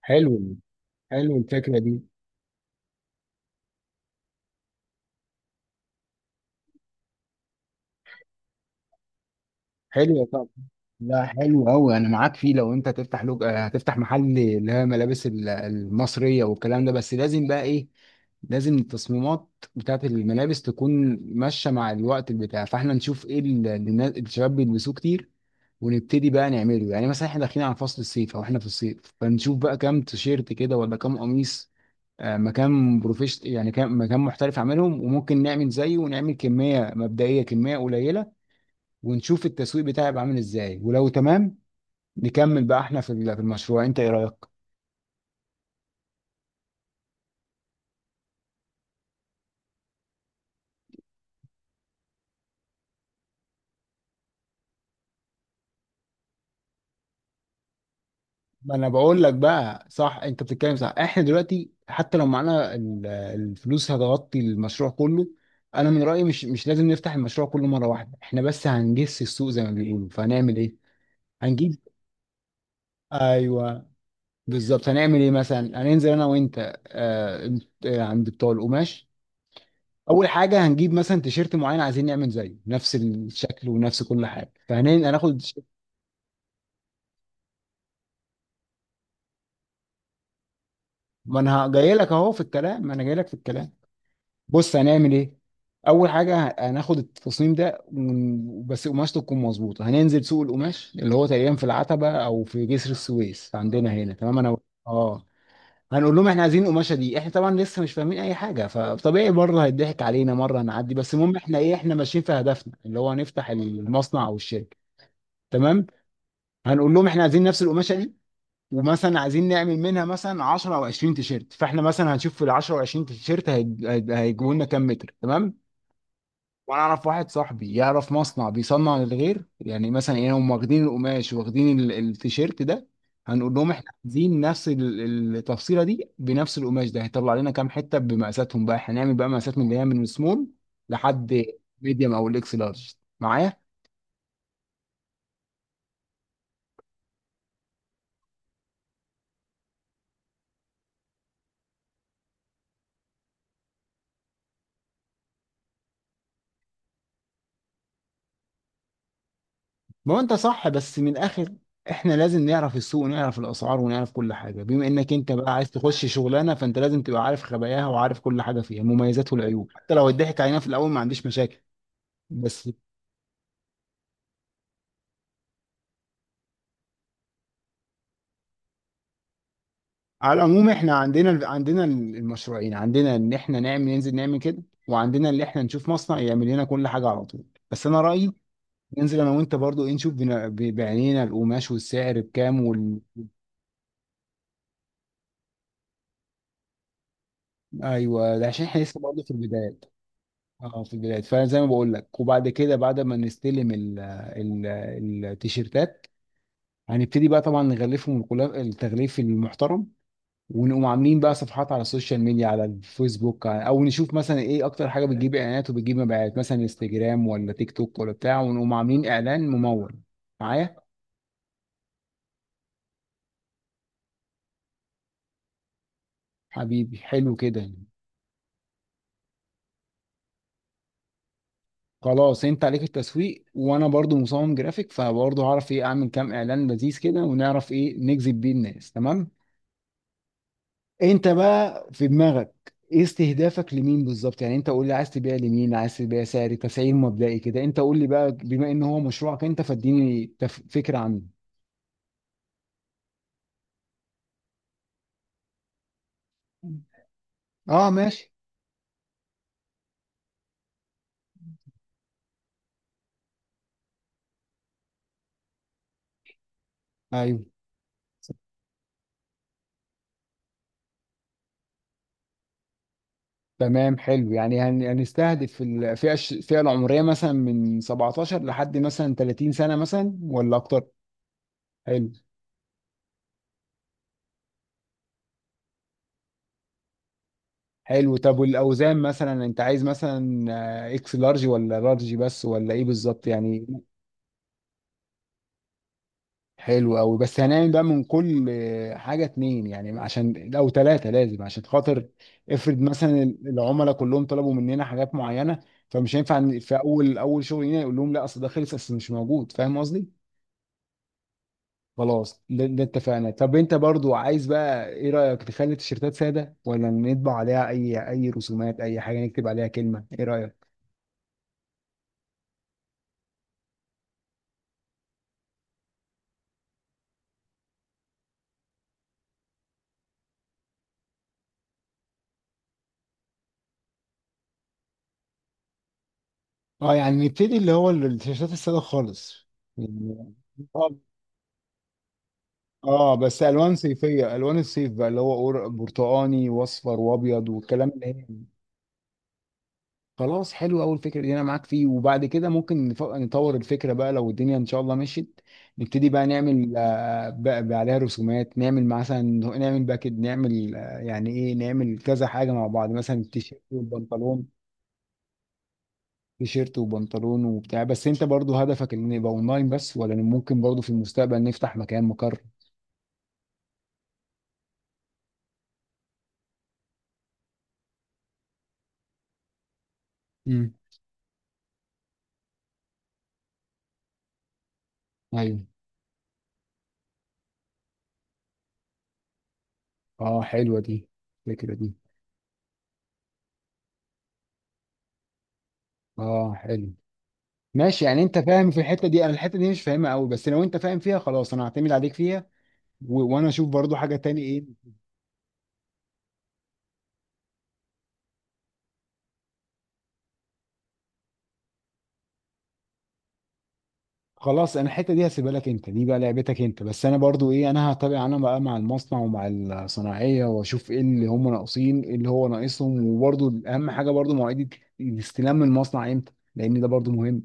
حلو. حلو الفكرة دي حلوة. لا، حلو قوي، انا معاك فيه. لو انت هتفتح لوج هتفتح محل اللي هي ملابس المصريه والكلام ده، بس لازم بقى ايه؟ لازم التصميمات بتاعت الملابس تكون ماشيه مع الوقت البتاع، فاحنا نشوف ايه اللي الشباب بيلبسوه كتير، ونبتدي بقى نعمله. يعني مثلا احنا داخلين على فصل الصيف او احنا في الصيف، فنشوف بقى كام تيشيرت كده ولا كام قميص، مكان بروفيش، يعني كام مكان محترف عاملهم وممكن نعمل زيه، ونعمل كميه مبدئيه، كميه قليله، ونشوف التسويق بتاعي يبقى عامل ازاي، ولو تمام نكمل بقى احنا في في المشروع. انت ايه رايك؟ ما انا بقول لك بقى، صح انت بتتكلم صح، احنا دلوقتي حتى لو معانا الفلوس هتغطي المشروع كله، انا من رايي مش لازم نفتح المشروع كله مره واحده، احنا بس هنجس السوق زي ما بيقولوا، فهنعمل ايه؟ هنجيب. ايوه، بالظبط. هنعمل ايه مثلا؟ هننزل انا وانت، آه عند بتوع القماش. اول حاجه هنجيب مثلا تيشيرت معين عايزين نعمل زيه، نفس الشكل ونفس كل حاجه، فهناخد. ما انا جاي لك اهو في الكلام، ما انا جاي لك في الكلام. بص هنعمل ايه. اول حاجه هناخد التصميم ده بس قماشته تكون مظبوطه، هننزل سوق القماش اللي هو تقريبا في العتبه او في جسر السويس عندنا هنا، تمام؟ انا هنقول لهم احنا عايزين القماشه دي. احنا طبعا لسه مش فاهمين اي حاجه، فطبيعي مره هيضحك علينا، مره هنعدي، بس المهم احنا ايه، احنا ماشيين في هدفنا اللي هو نفتح المصنع او الشركه. تمام. هنقول لهم احنا عايزين نفس القماشه دي، ومثلا عايزين نعمل منها مثلا 10 او 20 تيشيرت، فاحنا مثلا هنشوف في ال 10 او 20 تيشيرت هيجيبوا لنا كام متر، تمام. وانا اعرف واحد صاحبي يعرف مصنع بيصنع للغير، يعني مثلا ايه، هم واخدين القماش واخدين التيشيرت ده، هنقول لهم احنا عايزين نفس التفصيله دي بنفس القماش ده، هيطلع لنا كام حته بمقاساتهم، بقى هنعمل بقى مقاسات من اللي هي من السمول لحد ميديوم او الاكس لارج. معايا؟ ما هو انت صح، بس من الاخر احنا لازم نعرف السوق، ونعرف الاسعار، ونعرف كل حاجه، بما انك انت بقى عايز تخش شغلانه، فانت لازم تبقى عارف خباياها وعارف كل حاجه فيها، مميزات والعيوب، حتى لو اتضحك علينا في الاول ما عنديش مشاكل. بس، على العموم احنا عندنا المشروعين، عندنا ان احنا نعمل ننزل نعمل كده، وعندنا ان احنا نشوف مصنع يعمل لنا كل حاجه على طول، بس انا رايي ننزل انا وانت برضو ايه، نشوف بعينينا القماش والسعر بكام ايوه، ده عشان احنا لسه برضو في البدايات. اه، في البداية فانا زي ما بقول لك، وبعد كده بعد ما نستلم ال ال التيشيرتات، هنبتدي بقى طبعا نغلفهم التغليف المحترم، ونقوم عاملين بقى صفحات على السوشيال ميديا، على الفيسبوك، او نشوف مثلا ايه اكتر حاجة بتجيب اعلانات وبتجيب مبيعات، مثلا انستجرام ولا تيك توك ولا بتاع، ونقوم عاملين اعلان ممول. معايا؟ حبيبي، حلو كده. خلاص، انت عليك التسويق، وانا برضو مصمم جرافيك، فبرضو هعرف ايه، اعمل كام اعلان لذيذ كده، ونعرف ايه نجذب بيه الناس، تمام. انت بقى في دماغك ايه؟ استهدافك لمين بالظبط؟ يعني انت قول لي عايز تبيع لمين، عايز تبيع سعر تسعير مبدئي كده، انت قول لي بقى بما ان هو مشروعك انت، فاديني فكرة عنه. اه ماشي. ايوه تمام، حلو، يعني هنستهدف الفئة الفئة العمرية مثلا من 17 لحد مثلا 30 سنة مثلا، ولا اكتر؟ حلو. حلو. طب والاوزان مثلا؟ انت عايز مثلا اكس لارج ولا لارج بس، ولا ايه بالظبط يعني؟ حلو قوي. بس هنعمل بقى من كل حاجه اتنين، يعني عشان، او ثلاثه لازم، عشان خاطر افرض مثلا العملاء كلهم طلبوا مننا حاجات معينه، فمش هينفع إن في اول اول شغل هنا يقول لهم لا، اصل ده خلص، اصل مش موجود، فاهم قصدي؟ خلاص، ده اتفقنا. طب انت برضو عايز بقى، ايه رايك تخلي التيشيرتات ساده ولا نطبع عليها اي رسومات، اي حاجه نكتب عليها كلمه، ايه رايك؟ اه، يعني نبتدي اللي هو التيشيرتات الساده خالص. يعني اه، بس الوان صيفيه، الوان الصيف بقى اللي هو برتقاني واصفر وابيض والكلام اللي هي. خلاص، حلو قوي الفكره دي، انا معاك فيه. وبعد كده ممكن نطور الفكره بقى لو الدنيا ان شاء الله مشيت، نبتدي بقى نعمل، بقى عليها رسومات، نعمل مثلا، نعمل باكت، نعمل، يعني ايه، نعمل كذا حاجه مع بعض مثلا، التيشيرت والبنطلون، تيشيرت وبنطلون وبتاع. بس انت برضو هدفك ان يبقى اونلاين بس، ولا ممكن برضو في المستقبل نفتح مكان مقر؟ مم. ايوه. اه، حلوه دي، الفكره دي. اه حلو. ماشي، يعني انت فاهم في الحته دي، انا الحته دي مش فاهمها قوي، بس لو انت فاهم فيها، خلاص انا هعتمد عليك فيها. وانا اشوف برضو حاجه تاني ايه. خلاص، انا الحته دي هسيبها لك انت، دي بقى لعبتك انت، بس انا برضو ايه، انا هتابع انا بقى مع المصنع ومع الصناعيه، واشوف ايه اللي هم ناقصين، ايه اللي هو ناقصهم، وبرضو اهم حاجه برضو، مواعيد الاستلام من المصنع امتى، لان ده برضو مهم.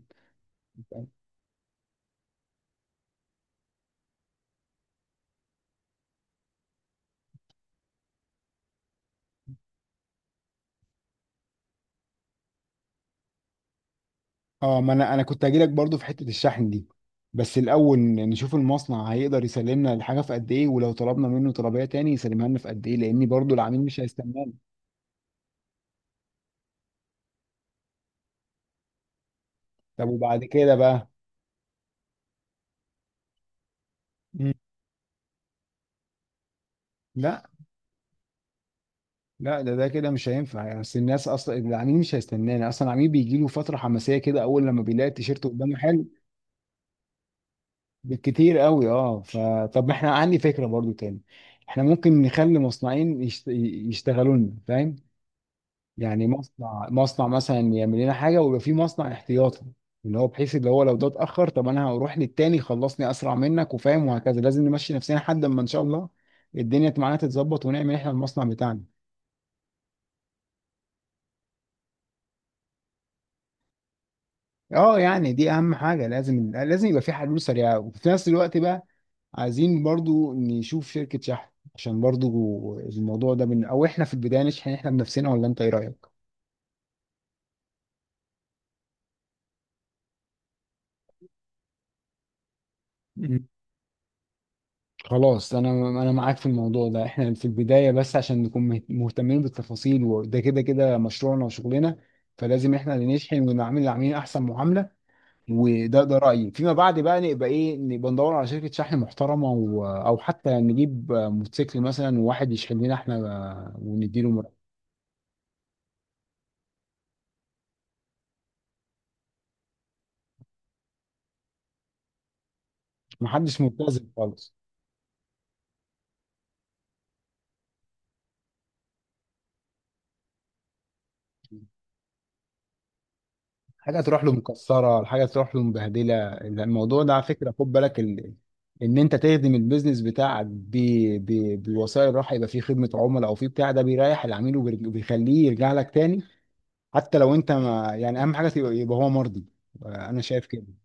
اه، ما انا انا كنت هجيلك برضو في حته الشحن دي، بس الاول نشوف المصنع هيقدر يسلمنا الحاجه في قد ايه، ولو طلبنا منه طلبيه تاني يسلمها لنا في قد ايه، لان برضو العميل مش هيستنانا. طب وبعد كده بقى. مم. لا، لا، ده كده مش هينفع، يعني اصل الناس اصلا، العميل مش هيستنانا، اصلا العميل بيجي له فتره حماسيه كده اول لما بيلاقي التيشيرت قدامه حلو. بالكتير قوي اه. فطب احنا، عندي فكره برضو تاني، احنا ممكن نخلي مصنعين يشتغلوا لنا، فاهم؟ يعني مصنع مثلا يعمل لنا حاجه، ويبقى في مصنع احتياطي، اللي هو بحيث اللي هو لو ده اتاخر، طب انا هروح للتاني، خلصني اسرع منك، وفاهم، وهكذا، لازم نمشي نفسنا لحد ما ان شاء الله الدنيا معانا تتظبط ونعمل احنا المصنع بتاعنا. اه، يعني دي اهم حاجه، لازم لازم يبقى في حلول سريعه. وفي نفس الوقت بقى، عايزين برضو نشوف شركه شحن، عشان برضو الموضوع ده من، او احنا في البدايه نشحن احنا بنفسنا، ولا انت ايه رايك؟ خلاص، انا انا معاك في الموضوع ده، احنا في البدايه بس، عشان نكون مهتمين بالتفاصيل، وده كده كده مشروعنا وشغلنا، فلازم احنا اللي نشحن، ونعمل للعميل احسن معامله. وده ده رايي. فيما بعد بقى نبقى ايه، نبقى ندور على شركه شحن محترمه او حتى نجيب موتوسيكل مثلا، وواحد يشحن لنا احنا، ونديله مرتب. محدش ملتزم خالص. حاجه تروح له مكسره، الحاجه تروح له مبهدله. الموضوع ده على فكره خد بالك ان انت تخدم البيزنس بتاعك بالوسائل، راح يبقى فيه خدمه عملاء، او فيه بتاع ده بيريح العميل وبيخليه يرجع لك تاني، حتى لو انت ما، يعني اهم حاجه يبقى هو مرضي. انا شايف كده.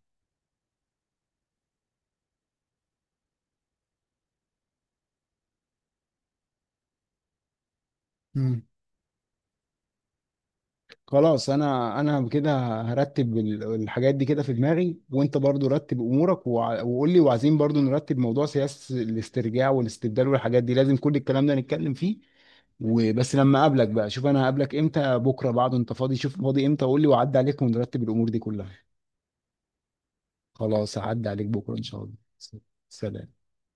مم. خلاص، انا انا كده هرتب الحاجات دي كده في دماغي، وانت برضو رتب امورك وقول لي. وعايزين برضو نرتب موضوع سياسة الاسترجاع والاستبدال والحاجات دي، لازم كل الكلام ده نتكلم فيه. وبس لما اقابلك بقى، شوف انا هقابلك امتى، بكره بعده، انت فاضي، شوف فاضي امتى وقول لي، وعدي عليك ونرتب الامور دي كلها. خلاص، هعدي عليك بكره ان شاء الله. سلام.